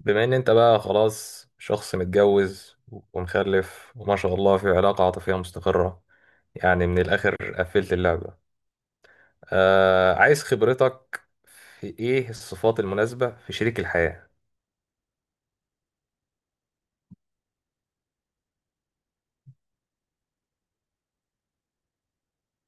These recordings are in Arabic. بما ان انت بقى خلاص شخص متجوز ومخلف وما شاء الله في علاقة عاطفية مستقرة. يعني من الاخر قفلت اللعبة. عايز خبرتك في ايه الصفات المناسبة في شريك الحياة.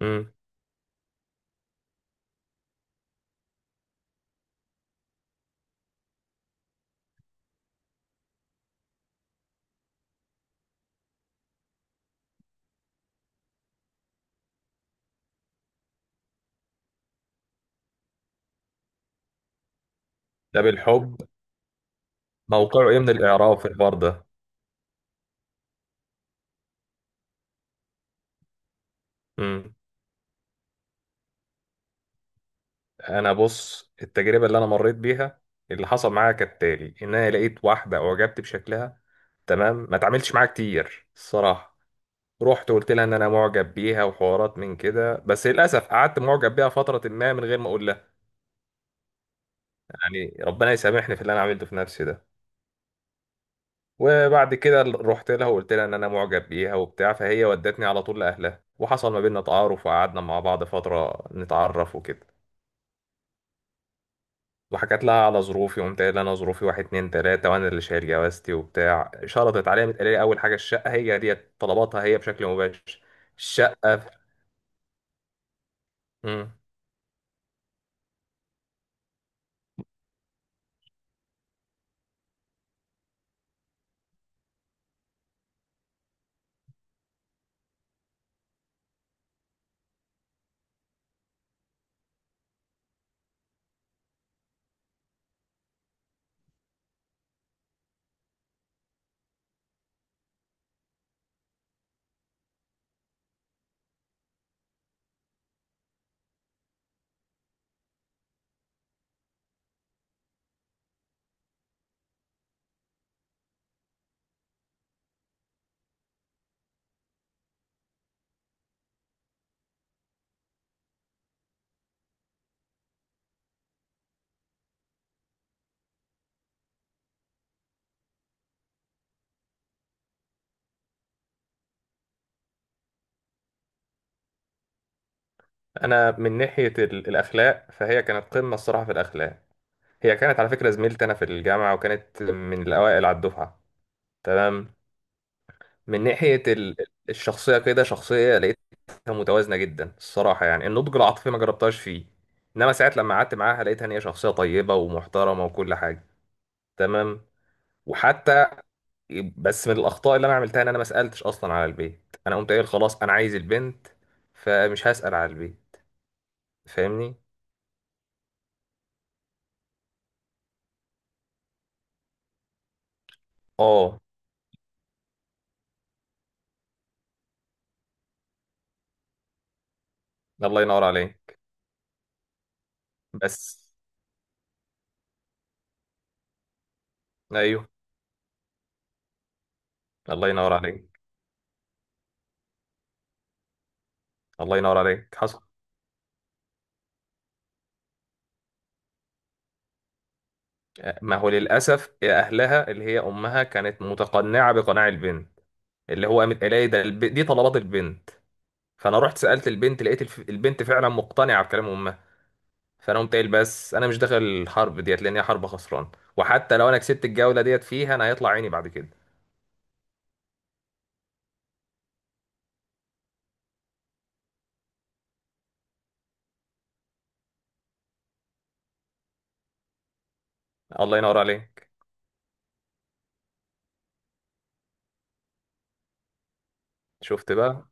امم ده بالحب، موقعه ايه من الاعراب في الحوار ده؟ امم انا بص، التجربة اللي انا مريت بيها، اللي حصل معايا كالتالي ان انا لقيت واحدة اعجبت بشكلها. تمام، ما اتعاملتش معاها كتير الصراحة. رحت وقلت لها ان انا معجب بيها وحوارات من كده، بس للاسف قعدت معجب بيها فتره ما من غير ما اقول لها. يعني ربنا يسامحني في اللي انا عملته في نفسي ده. وبعد كده رحت لها وقلت لها ان انا معجب بيها وبتاع، فهي ودتني على طول لاهلها وحصل ما بيننا تعارف وقعدنا مع بعض فتره نتعرف وكده. وحكت لها على ظروفي، وقمت قايل لها انا ظروفي واحد اتنين تلاته وانا اللي شايل جوازتي وبتاع. شرطت عليا، قالت لي اول حاجه الشقه، هي ديت طلباتها هي بشكل مباشر. الشقه. مم. انا من ناحيه الاخلاق، فهي كانت قمه الصراحه في الاخلاق. هي كانت على فكره زميلتي انا في الجامعه، وكانت من الاوائل على الدفعه. تمام. من ناحيه الشخصيه، كده شخصيه لقيتها متوازنه جدا الصراحه. يعني النضج العاطفي ما جربتهاش فيه، انما ساعات لما قعدت معاها لقيتها ان هي شخصيه طيبه ومحترمه وكل حاجه. تمام. وحتى، بس من الاخطاء اللي انا عملتها ان انا ما سالتش اصلا على البيت، انا قمت قايل خلاص انا عايز البنت فمش هسال على البيت، فاهمني. اه. الله ينور عليك. بس. ايوه. الله ينور عليك. الله ينور عليك حصل. ما هو للاسف اهلها، اللي هي امها، كانت متقنعه بقناع البنت، اللي هو قامت قايله لي ده دي طلبات البنت. فانا رحت سالت البنت، لقيت البنت فعلا مقتنعه بكلام امها. فانا قمت قايل بس انا مش داخل الحرب ديت لان هي حرب خسران، وحتى لو انا كسبت الجوله ديت فيها انا هيطلع عيني بعد كده. الله ينور عليك. شفت بقى.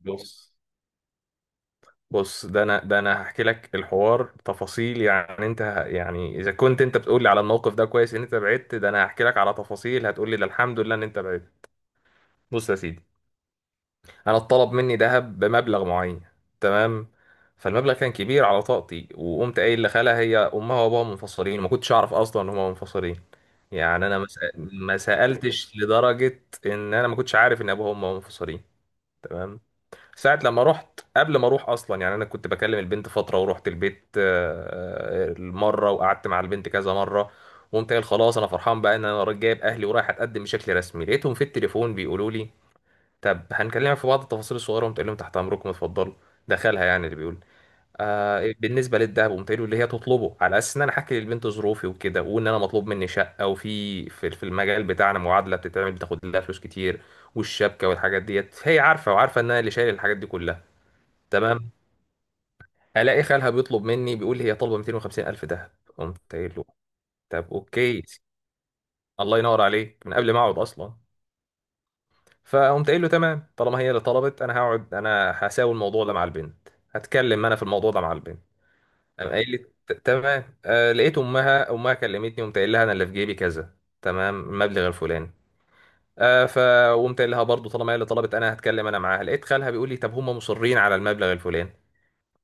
بص بص، ده انا، ده انا هحكي لك الحوار تفاصيل. يعني انت يعني اذا كنت انت بتقول لي على الموقف ده كويس ان انت بعدت، ده انا هحكي لك على تفاصيل هتقول لي ده الحمد لله ان انت بعدت. بص يا سيدي، انا اتطلب مني ذهب بمبلغ معين، تمام. فالمبلغ كان كبير على طاقتي، وقمت قايل لخالها. هي امها وابوها منفصلين، ما كنتش اعرف اصلا ان هما منفصلين. يعني انا ما سالتش، لدرجه ان انا ما كنتش عارف ان ابوها وامها منفصلين. تمام. ساعة لما رحت، قبل ما اروح اصلا، يعني انا كنت بكلم البنت فترة ورحت البيت مرة وقعدت مع البنت كذا مرة. وقمت قايل خلاص انا فرحان بقى ان انا جايب اهلي ورايح اتقدم بشكل رسمي. لقيتهم في التليفون بيقولوا لي طب هنكلمك في بعض التفاصيل الصغيرة. قمت قايل لهم تحت امركم اتفضلوا، دخلها يعني اللي بيقول. بالنسبة للدهب قمت قايل له اللي هي تطلبه، على اساس ان انا احكي للبنت ظروفي وكده، وان انا مطلوب مني شقة، وفي في في المجال بتاعنا معادلة بتتعمل بتاخد لها فلوس كتير. والشبكة والحاجات ديت هي عارفة، وعارفة ان انا اللي شايل الحاجات دي كلها. تمام. الاقي خالها بيطلب مني، بيقول لي هي طالبه 250 الف دهب. قمت قايل له طب اوكي. الله ينور عليك، من قبل ما اقعد اصلا. فقمت قايل له تمام، طالما هي اللي طلبت انا هقعد، انا هساوي الموضوع ده مع البنت، هتكلم انا في الموضوع ده مع البنت. قام قايل لي تمام". لقيت امها كلمتني، قمت قايل لها انا اللي في جيبي كذا، تمام، المبلغ الفلاني. فقمت قايل لها برضه طالما هي اللي طلبت انا هتكلم انا معاها. لقيت خالها بيقول لي طب هم مصرين على المبلغ الفلاني.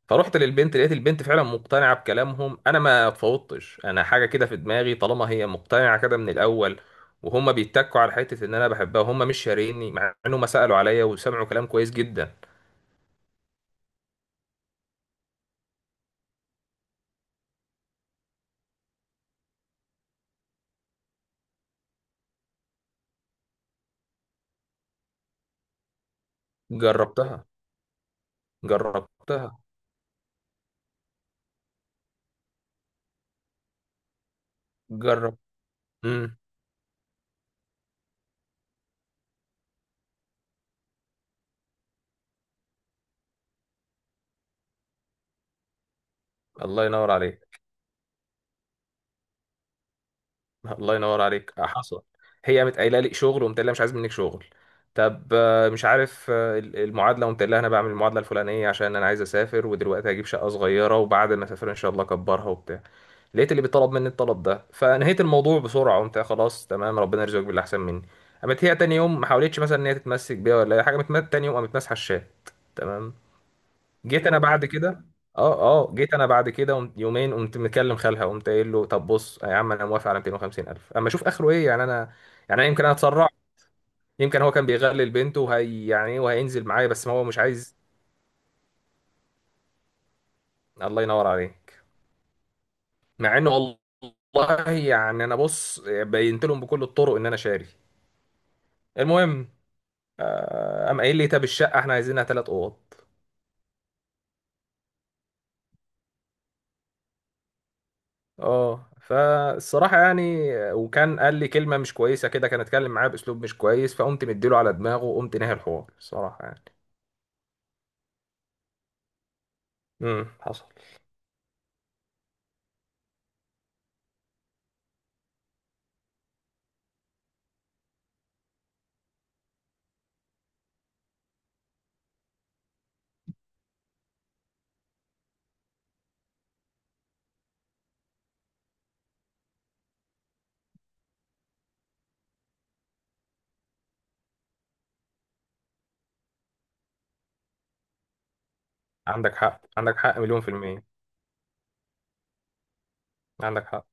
فروحت للبنت لقيت البنت فعلا مقتنعة بكلامهم. انا ما اتفوضتش انا حاجة كده في دماغي، طالما هي مقتنعة كده من الاول، وهم بيتكوا على حتة ان انا بحبها وهم مش شاريني، مع انهم سألوا عليا وسمعوا كلام كويس جدا. جربتها. جربتها. جرب. امم الله ينور عليك. الله ينور عليك، حصل. هي قامت قايله لي شغل، وقمت قايل لها مش عايز منك شغل. طب مش عارف، المعادله، وقمت قايل لها انا بعمل المعادله الفلانيه عشان انا عايز اسافر، ودلوقتي هجيب شقه صغيره وبعد ما اسافر ان شاء الله اكبرها وبتاع. لقيت اللي بيطلب مني الطلب ده، فنهيت الموضوع بسرعه، قمت قايل خلاص تمام ربنا يرزقك باللي احسن مني. قامت هي تاني يوم ما حاولتش مثلا ان هي تتمسك بيا ولا اي حاجه، قامت تاني يوم قامت ماسحه الشات. تمام. جيت انا بعد كده. اه، اه، جيت انا بعد كده يومين، قمت مكلم خالها قمت قايل له طب بص يا عم انا موافق على 250000 اما اشوف اخره ايه، يعني انا يمكن انا اتسرع. يمكن هو كان بيغلل بنته وهي يعني ايه وهينزل معايا، بس ما هو مش عايز. الله ينور عليك. مع انه والله يعني انا بص بينت لهم بكل الطرق ان انا شاري. المهم، قام قايل لي طب الشقه احنا عايزينها ثلاث اوض. اه، فالصراحة يعني، وكان قال لي كلمة مش كويسة كده، كان اتكلم معايا بأسلوب مش كويس فقمت مديله على دماغه وقمت نهي الحوار الصراحة يعني. حصل. عندك حق، عندك حق مليون في المية، عندك حق.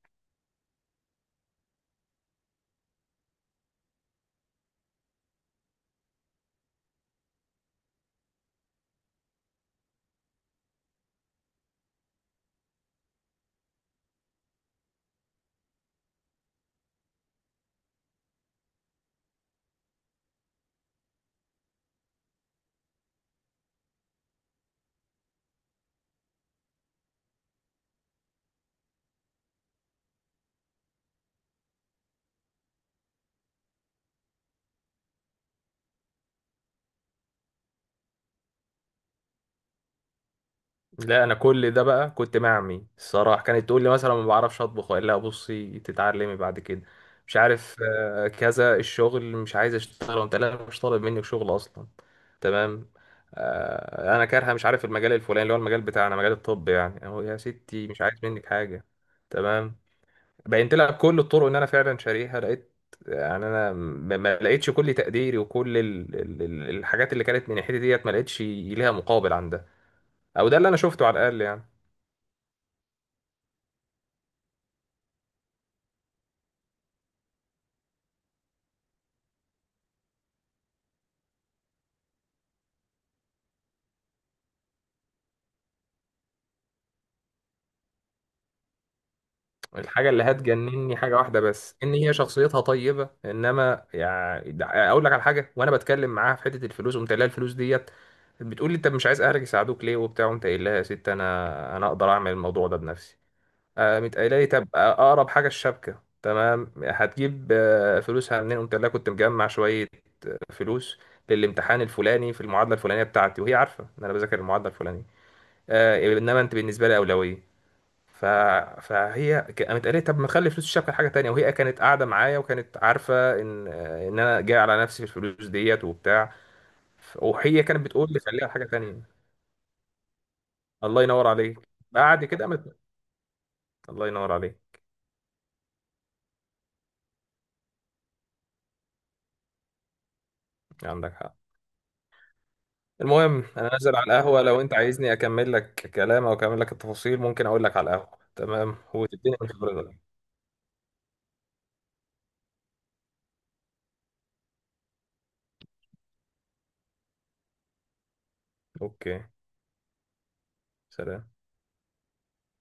لا، انا كل ده بقى كنت مع امي الصراحه، كانت تقول لي مثلا ما بعرفش اطبخ، اقول لها بصي تتعلمي بعد كده، مش عارف، كذا. الشغل مش عايز اشتغل، وانت لا مش طالب منك شغل اصلا، تمام. انا كارهه مش عارف المجال الفلاني، اللي هو المجال بتاعنا مجال الطب، يعني اهو يا ستي مش عايز منك حاجه. تمام. بينت لها بكل الطرق ان انا فعلا شاريها. لقيت يعني انا ما لقيتش كل تقديري وكل الحاجات اللي كانت من ناحيتي ديت ما لقيتش ليها مقابل عندها، او ده اللي انا شفته على الاقل يعني. الحاجة اللي هتجنني حاجة واحدة بس إن هي شخصيتها طيبة، إنما يعني أقول لك على حاجة، وأنا بتكلم معاها في حتة الفلوس قمت قايل لها الفلوس ديت، بتقول لي أنت مش عايز أهلك يساعدوك ليه وبتاع، قمت قايل لها يا ست أنا أقدر أعمل الموضوع ده بنفسي. قامت قايلة لي طب أقرب حاجة الشبكة، تمام هتجيب فلوسها منين، قمت قايل لها كنت مجمع شوية فلوس للامتحان الفلاني في المعادلة الفلانية بتاعتي، وهي عارفة إن أنا بذاكر المعادلة الفلانية. إنما أنت بالنسبة لي أولوية. ف... فهي قامت قالت لي طب ما تخلي فلوس الشبكه لحاجه تانية. وهي كانت قاعده معايا وكانت عارفه ان ان انا جاي على نفسي في الفلوس ديت وبتاع. وهي كانت بتقول لي خليها لحاجه تانية. الله ينور عليك. بعد كده قامت. الله ينور عليك. عندك حق. المهم انا نازل على القهوه، لو انت عايزني اكمل لك كلام او اكمل لك التفاصيل ممكن اقول لك على القهوه، تمام، وتديني من خبرتك. اوكي سلام.